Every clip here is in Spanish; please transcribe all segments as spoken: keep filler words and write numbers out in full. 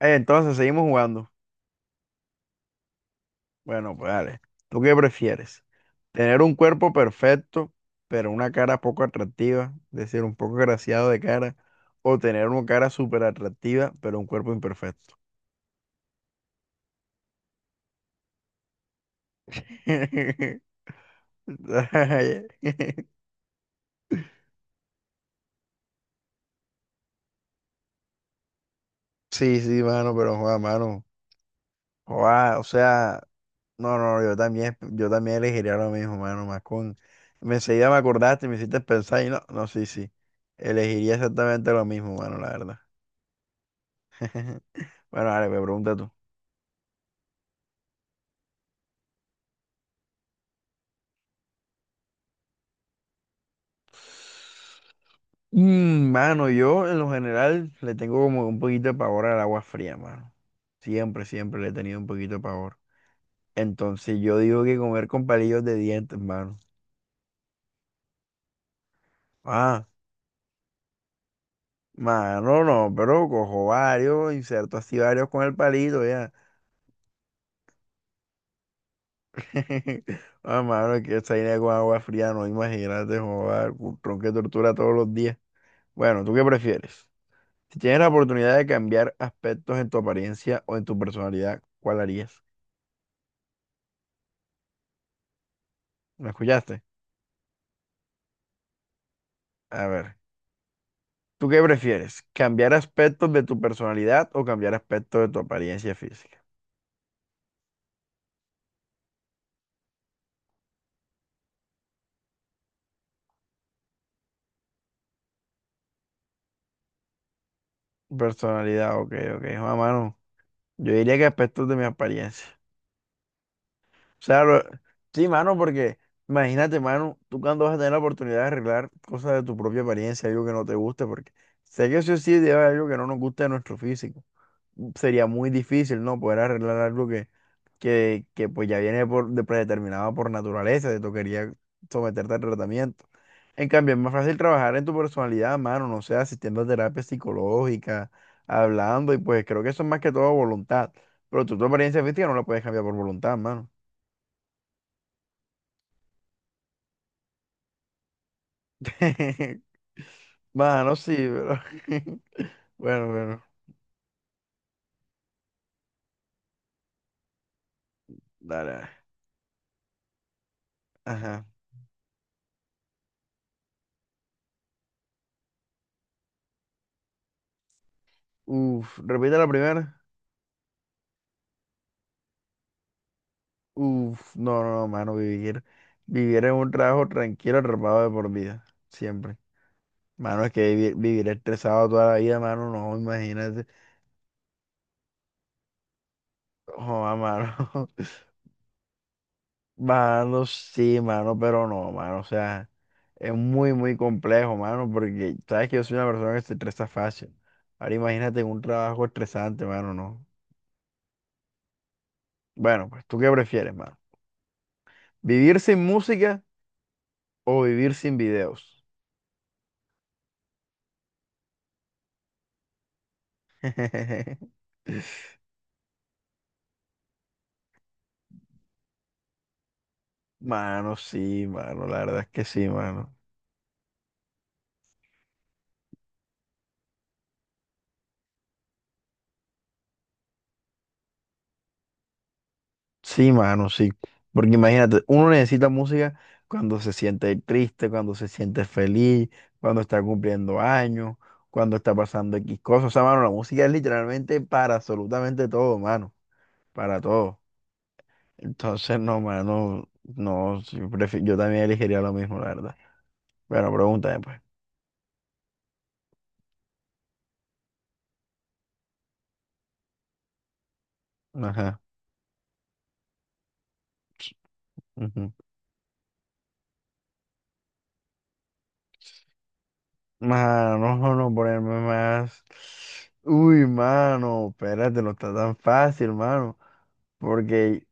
Eh, Entonces, seguimos jugando. Bueno, pues dale. ¿Tú qué prefieres? ¿Tener un cuerpo perfecto, pero una cara poco atractiva? Es decir, un poco graciado de cara. ¿O tener una cara súper atractiva, pero un cuerpo imperfecto? Sí, sí, mano, pero joda, mano. Joda, o sea, no, no, yo también, yo también elegiría lo mismo, mano, más con. me- Enseguida me acordaste, y me hiciste pensar y no, no, sí, sí. Elegiría exactamente lo mismo, mano, la verdad. Bueno, vale, me pregunta tú. Mm, mano, yo en lo general le tengo como un poquito de pavor al agua fría, mano. Siempre, siempre le he tenido un poquito de pavor. Entonces yo digo que comer con palillos de dientes, mano. Ah, mano, no, pero cojo varios, inserto así varios con el palito ya. Ah, mano, es que esa idea con agua fría, no imagínate, joder, tronque de tortura todos los días. Bueno, ¿tú qué prefieres? Si tienes la oportunidad de cambiar aspectos en tu apariencia o en tu personalidad, ¿cuál harías? ¿Me escuchaste? A ver, ¿tú qué prefieres? ¿Cambiar aspectos de tu personalidad o cambiar aspectos de tu apariencia física? Personalidad, ok, ok. Juan, mano, yo diría que aspectos de mi apariencia. O sea, lo- sí, mano, porque imagínate, mano, tú cuando vas a tener la oportunidad de arreglar cosas de tu propia apariencia, algo que no te guste, porque sé que sí o sí debe haber algo que no nos guste de nuestro físico. Sería muy difícil, ¿no? Poder arreglar algo que, que, que pues ya viene por, de predeterminado por naturaleza, te tocaría someterte al tratamiento. En cambio, es más fácil trabajar en tu personalidad, mano, no sé, asistiendo a terapia psicológica, hablando, y pues creo que eso es más que todo voluntad. Pero tú tu apariencia física no la puedes cambiar por voluntad, mano. Mano, sí, pero. Bueno, bueno, dale. Ajá. Uf, repite la primera. Uf, no, no, no, mano, vivir. Vivir en un trabajo tranquilo, atrapado de por vida. Siempre. Mano, es que vivi- vivir, estresado toda la vida, mano, no, imagínate. Joder, mano. Mano, sí, mano, pero no, mano. O sea, es muy, muy complejo, mano, porque sabes que yo soy una persona que se estresa fácil. Ahora imagínate en un trabajo estresante, mano, no. Bueno, pues, ¿tú qué prefieres, mano? ¿Vivir sin música o vivir sin videos? Mano, sí, mano, la verdad es que sí, mano. Sí, mano, sí. Porque imagínate, uno necesita música cuando se siente triste, cuando se siente feliz, cuando está cumpliendo años, cuando está pasando X cosas. O sea, mano, la música es literalmente para absolutamente todo, mano. Para todo. Entonces, no, mano, no, sí, prefi- yo también elegiría lo mismo, la verdad. Bueno, pregúntame, pues. Ajá. Ujú. Mano, no, no ponerme más. Uy, mano, espérate, no está tan fácil, mano. Porque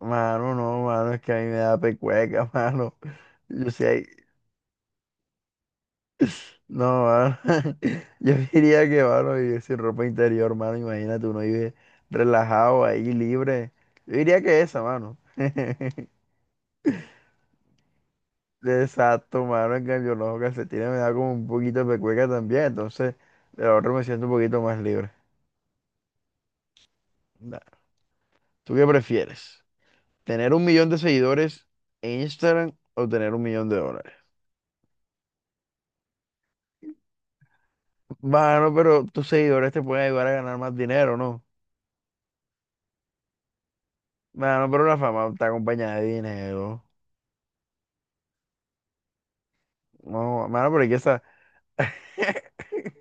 mano, no, mano, es que a mí me da pecueca, mano. Yo sí, ahí- no, mano. Yo diría que, mano, vivir sin ropa interior, mano, imagínate, uno vive relajado ahí, libre. Yo diría que esa, mano. Exacto, mano, en cambio, los calcetines me da como un poquito de pecueca también, entonces, de la otra me siento un poquito más libre. Nah. ¿Tú qué prefieres? ¿Tener un millón de seguidores en Instagram o tener un millón de dólares? Bueno, pero tus seguidores te pueden ayudar a ganar más dinero, ¿no? Mano, pero la fama está acompañada de dinero. No, mano, pero es que esa.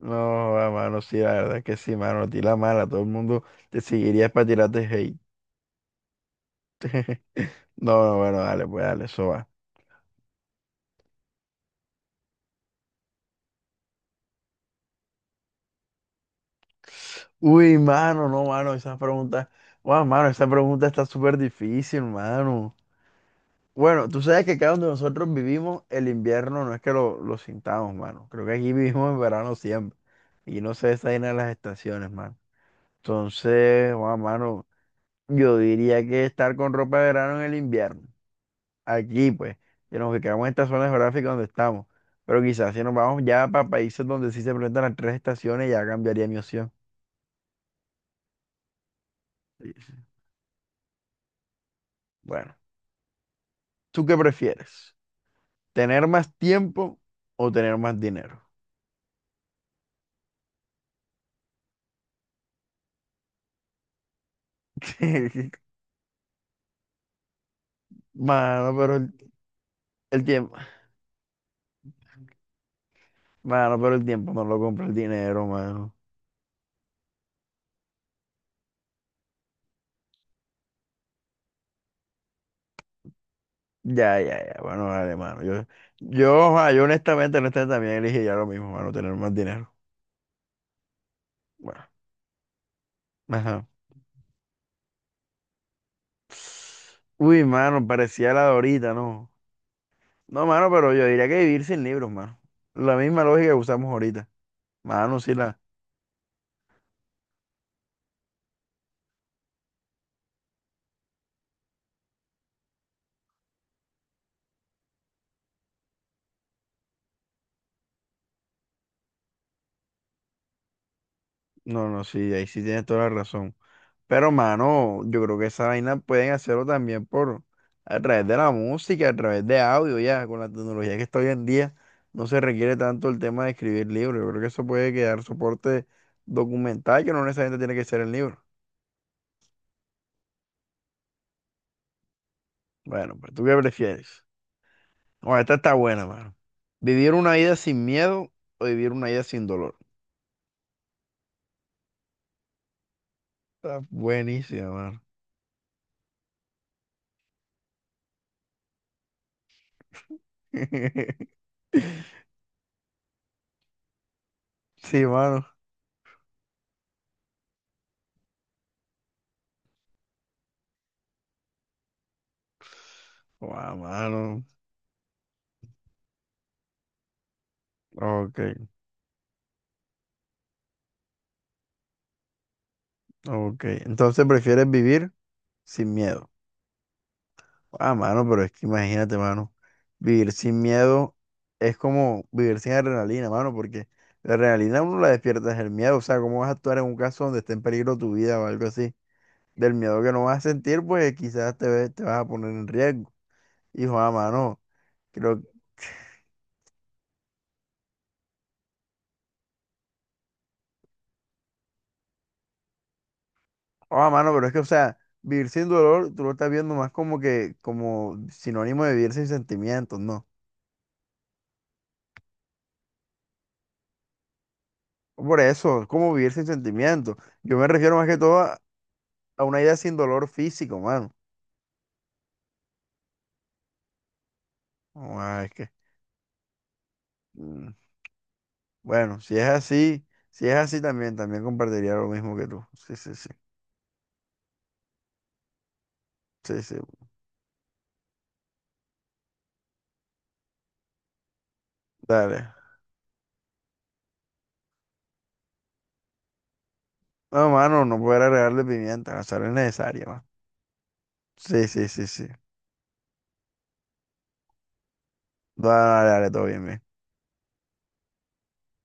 No, joda, mano, sí, la verdad es que sí, mano, a ti la mala, todo el mundo te seguiría para tirarte hate. No, no, bueno, dale, pues dale, eso va. Uy, mano, no, mano, esa pregunta, wow, mano, esa pregunta está súper difícil, mano. Bueno, tú sabes que acá donde nosotros vivimos, el invierno no es que lo, lo sintamos, mano. Creo que aquí vivimos en verano siempre. Y no se esa vaina de las estaciones, mano. Entonces, wow, mano. Yo diría que estar con ropa de verano en el invierno. Aquí, pues, que nos quedamos en esta zona geográfica donde estamos. Pero quizás si nos vamos ya para países donde sí se presentan las tres estaciones, ya cambiaría mi opción. Sí, sí. Bueno, ¿tú qué prefieres? ¿Tener más tiempo o tener más dinero? Mano, pero el, el tiempo, mano, pero el tiempo no lo compra el dinero, mano. Ya, ya, ya, bueno, vale, mano. Yo, yo, ah, yo honestamente, honestamente también elegiría lo mismo, mano, tener más dinero. Bueno, ajá. Uy, mano, parecía la de ahorita, ¿no? No, mano, pero yo diría que vivir sin libros, mano. La misma lógica que usamos ahorita. Mano, sí la... No, no, sí, ahí sí tienes toda la razón. Pero, mano, yo creo que esa vaina pueden hacerlo también por... A través de la música, a través de audio, ya. Con la tecnología que está hoy en día, no se requiere tanto el tema de escribir libros. Yo creo que eso puede quedar soporte documental que no necesariamente tiene que ser el libro. Bueno, pues, ¿tú qué prefieres? Oh, esta está buena, mano. ¿Vivir una vida sin miedo o vivir una vida sin dolor? Está buenísima, mano. Sí, mano. Ah, mano. Ok, ok. Entonces prefieres vivir sin miedo. Ah, mano, pero es que imagínate, mano. Vivir sin miedo es como vivir sin adrenalina, mano, porque la adrenalina uno la despierta es el miedo. O sea, ¿cómo vas a actuar en un caso donde esté en peligro tu vida o algo así? Del miedo que no vas a sentir, pues quizás te, ve- te vas a poner en riesgo. Hijo, a mano, creo, a mano, pero es que, o sea, vivir sin dolor, tú lo estás viendo más como que, como sinónimo de vivir sin sentimientos, ¿no? Por eso, es como vivir sin sentimientos. Yo me refiero más que todo a, a una idea sin dolor físico, mano. Oh, Ah, es que, mm, bueno, si es así, si es así también, también compartiría lo mismo que tú. Sí, sí, sí, sí, sí, dale. No, mano, no poder agregarle pimienta, la sal es necesaria, mano. Sí, sí, sí, sí. Dale, dale, dale, todo bien, bien.